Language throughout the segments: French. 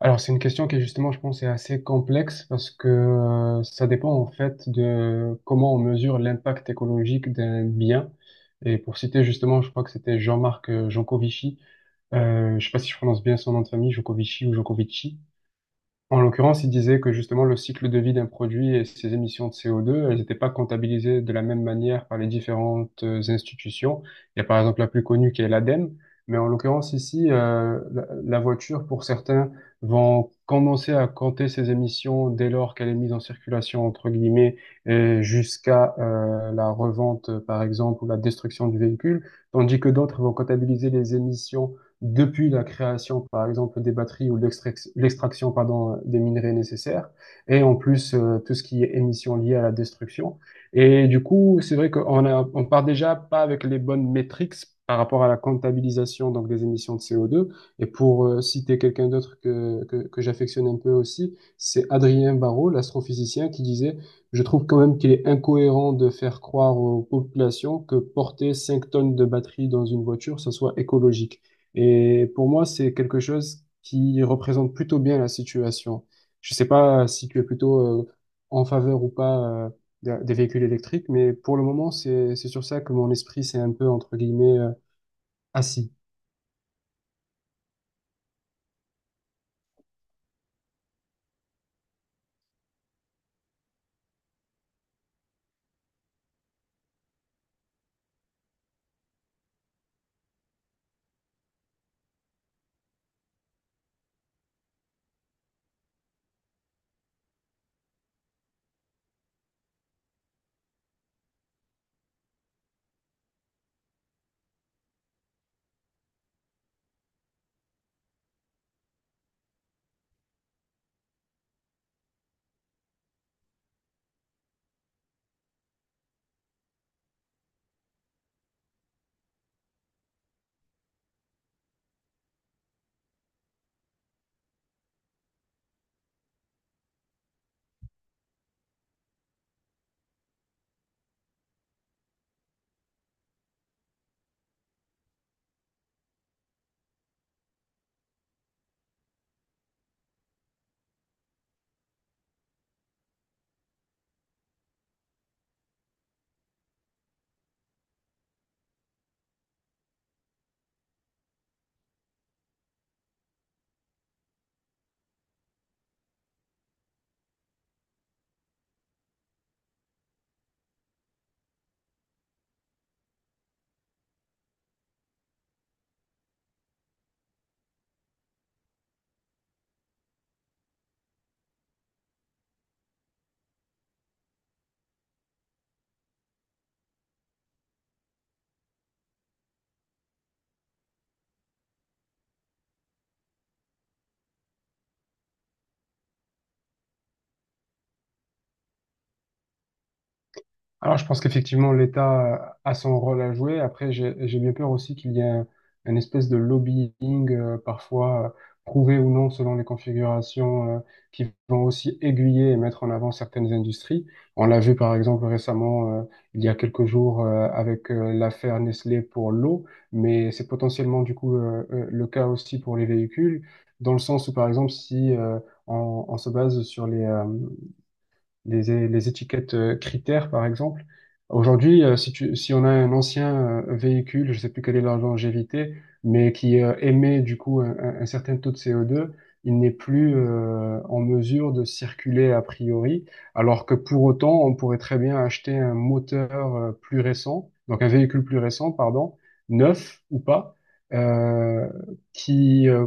Alors, c'est une question qui, justement, je pense, est assez complexe parce que ça dépend, en fait, de comment on mesure l'impact écologique d'un bien. Et pour citer, justement, je crois que c'était Jean-Marc Jancovici. Je sais pas si je prononce bien son nom de famille, Jancovici ou Jancovici. En l'occurrence, il disait que justement le cycle de vie d'un produit et ses émissions de CO2, elles n'étaient pas comptabilisées de la même manière par les différentes institutions. Il y a par exemple la plus connue qui est l'ADEME, mais en l'occurrence ici, la voiture, pour certains, vont commencer à compter ses émissions dès lors qu'elle est mise en circulation, entre guillemets, et jusqu'à la revente, par exemple, ou la destruction du véhicule, tandis que d'autres vont comptabiliser les émissions depuis la création, par exemple, des batteries ou l'extraction, pardon, des minerais nécessaires, et en plus tout ce qui est émissions liées à la destruction. Et du coup, c'est vrai qu'on a, on part déjà pas avec les bonnes métriques par rapport à la comptabilisation donc des émissions de CO2. Et pour citer quelqu'un d'autre que j'affectionne un peu aussi, c'est Adrien Barraud, l'astrophysicien, qui disait, je trouve quand même qu'il est incohérent de faire croire aux populations que porter 5 tonnes de batterie dans une voiture, ça soit écologique. Et pour moi, c'est quelque chose qui représente plutôt bien la situation. Je sais pas si tu es plutôt en faveur ou pas euh, des véhicules électriques, mais pour le moment, c'est sur ça que mon esprit s'est un peu, entre guillemets, assis. Alors, je pense qu'effectivement, l'État a son rôle à jouer. Après, j'ai bien peur aussi qu'il y ait un espèce de lobbying, parfois prouvé ou non selon les configurations, qui vont aussi aiguiller et mettre en avant certaines industries. On l'a vu par exemple récemment, il y a quelques jours, avec l'affaire Nestlé pour l'eau, mais c'est potentiellement du coup le cas aussi pour les véhicules, dans le sens où par exemple, si on se base sur les étiquettes critères, par exemple. Aujourd'hui, si on a un ancien véhicule, je sais plus quelle est la longévité, mais qui émet du coup un certain taux de CO2, il n'est plus en mesure de circuler a priori, alors que pour autant, on pourrait très bien acheter un moteur plus récent, donc un véhicule plus récent, pardon, neuf ou pas, euh, qui,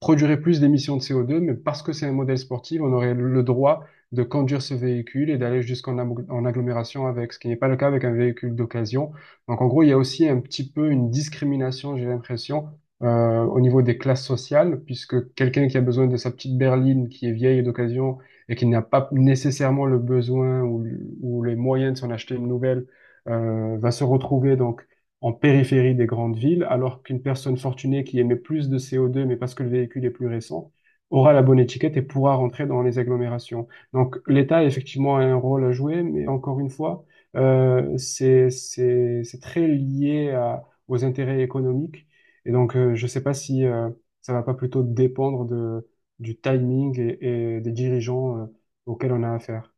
produirait plus d'émissions de CO2, mais parce que c'est un modèle sportif, on aurait le droit de conduire ce véhicule et d'aller jusqu'en en agglomération avec, ce qui n'est pas le cas avec un véhicule d'occasion. Donc en gros, il y a aussi un petit peu une discrimination, j'ai l'impression, au niveau des classes sociales, puisque quelqu'un qui a besoin de sa petite berline qui est vieille et d'occasion et qui n'a pas nécessairement le besoin ou les moyens de s'en acheter une nouvelle, va se retrouver donc en périphérie des grandes villes, alors qu'une personne fortunée qui émet plus de CO2, mais parce que le véhicule est plus récent, aura la bonne étiquette et pourra rentrer dans les agglomérations. Donc l'État, effectivement, a un rôle à jouer, mais encore une fois, c'est très lié aux intérêts économiques. Et donc, je ne sais pas si ça va pas plutôt dépendre du timing et des dirigeants auxquels on a affaire.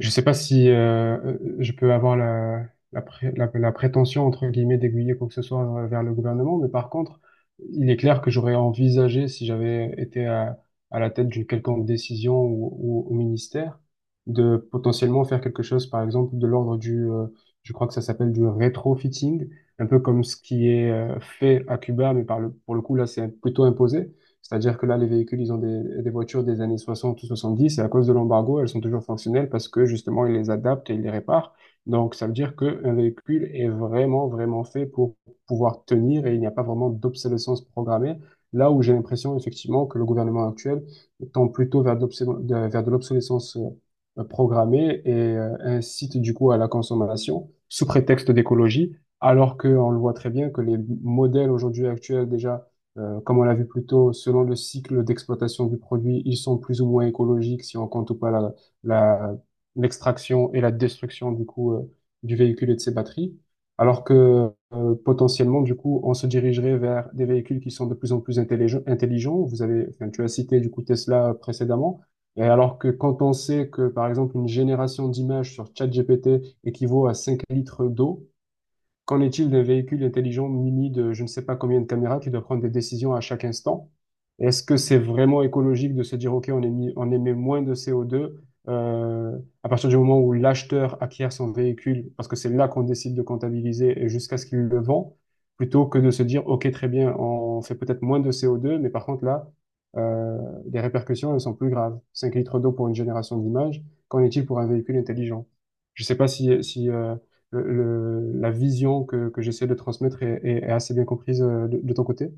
Je sais pas si je peux avoir la prétention, entre guillemets, d'aiguiller quoi que ce soit vers le gouvernement, mais par contre, il est clair que j'aurais envisagé, si j'avais été à la tête d'une quelconque décision ou au ministère, de potentiellement faire quelque chose, par exemple, de l'ordre je crois que ça s'appelle du rétrofitting, un peu comme ce qui est fait à Cuba, mais pour le coup, là, c'est plutôt imposé. C'est-à-dire que là, les véhicules, ils ont des voitures des années 60 ou 70 et à cause de l'embargo, elles sont toujours fonctionnelles parce que justement, ils les adaptent et ils les réparent. Donc, ça veut dire qu'un véhicule est vraiment, vraiment fait pour pouvoir tenir et il n'y a pas vraiment d'obsolescence programmée. Là où j'ai l'impression, effectivement, que le gouvernement actuel tend plutôt vers de l'obsolescence programmée et incite du coup à la consommation sous prétexte d'écologie, alors qu'on le voit très bien que les modèles aujourd'hui actuels déjà comme on l'a vu plus tôt, selon le cycle d'exploitation du produit, ils sont plus ou moins écologiques si on compte ou pas la- l'extraction et la destruction du coup du véhicule et de ses batteries. Alors que potentiellement, du coup, on se dirigerait vers des véhicules qui sont de plus en plus intelligents. Tu as cité du coup Tesla précédemment. Et alors que quand on sait que, par exemple, une génération d'images sur ChatGPT équivaut à 5 litres d'eau. Qu'en est-il des véhicules intelligents munis de je ne sais pas combien de caméras qui doivent prendre des décisions à chaque instant? Est-ce que c'est vraiment écologique de se dire, OK, on émet moins de CO2 à partir du moment où l'acheteur acquiert son véhicule, parce que c'est là qu'on décide de comptabiliser et jusqu'à ce qu'il le vend, plutôt que de se dire, OK, très bien, on fait peut-être moins de CO2, mais par contre là, euh, les répercussions, elles sont plus graves. 5 litres d'eau pour une génération d'images, qu'en est-il pour un véhicule intelligent? Je ne sais pas si, le- la vision que j'essaie de transmettre est assez bien comprise de ton côté?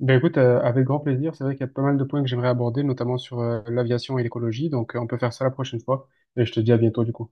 Ben écoute, avec grand plaisir. C'est vrai qu'il y a pas mal de points que j'aimerais aborder, notamment sur l'aviation et l'écologie. Donc, on peut faire ça la prochaine fois. Et je te dis à bientôt, du coup.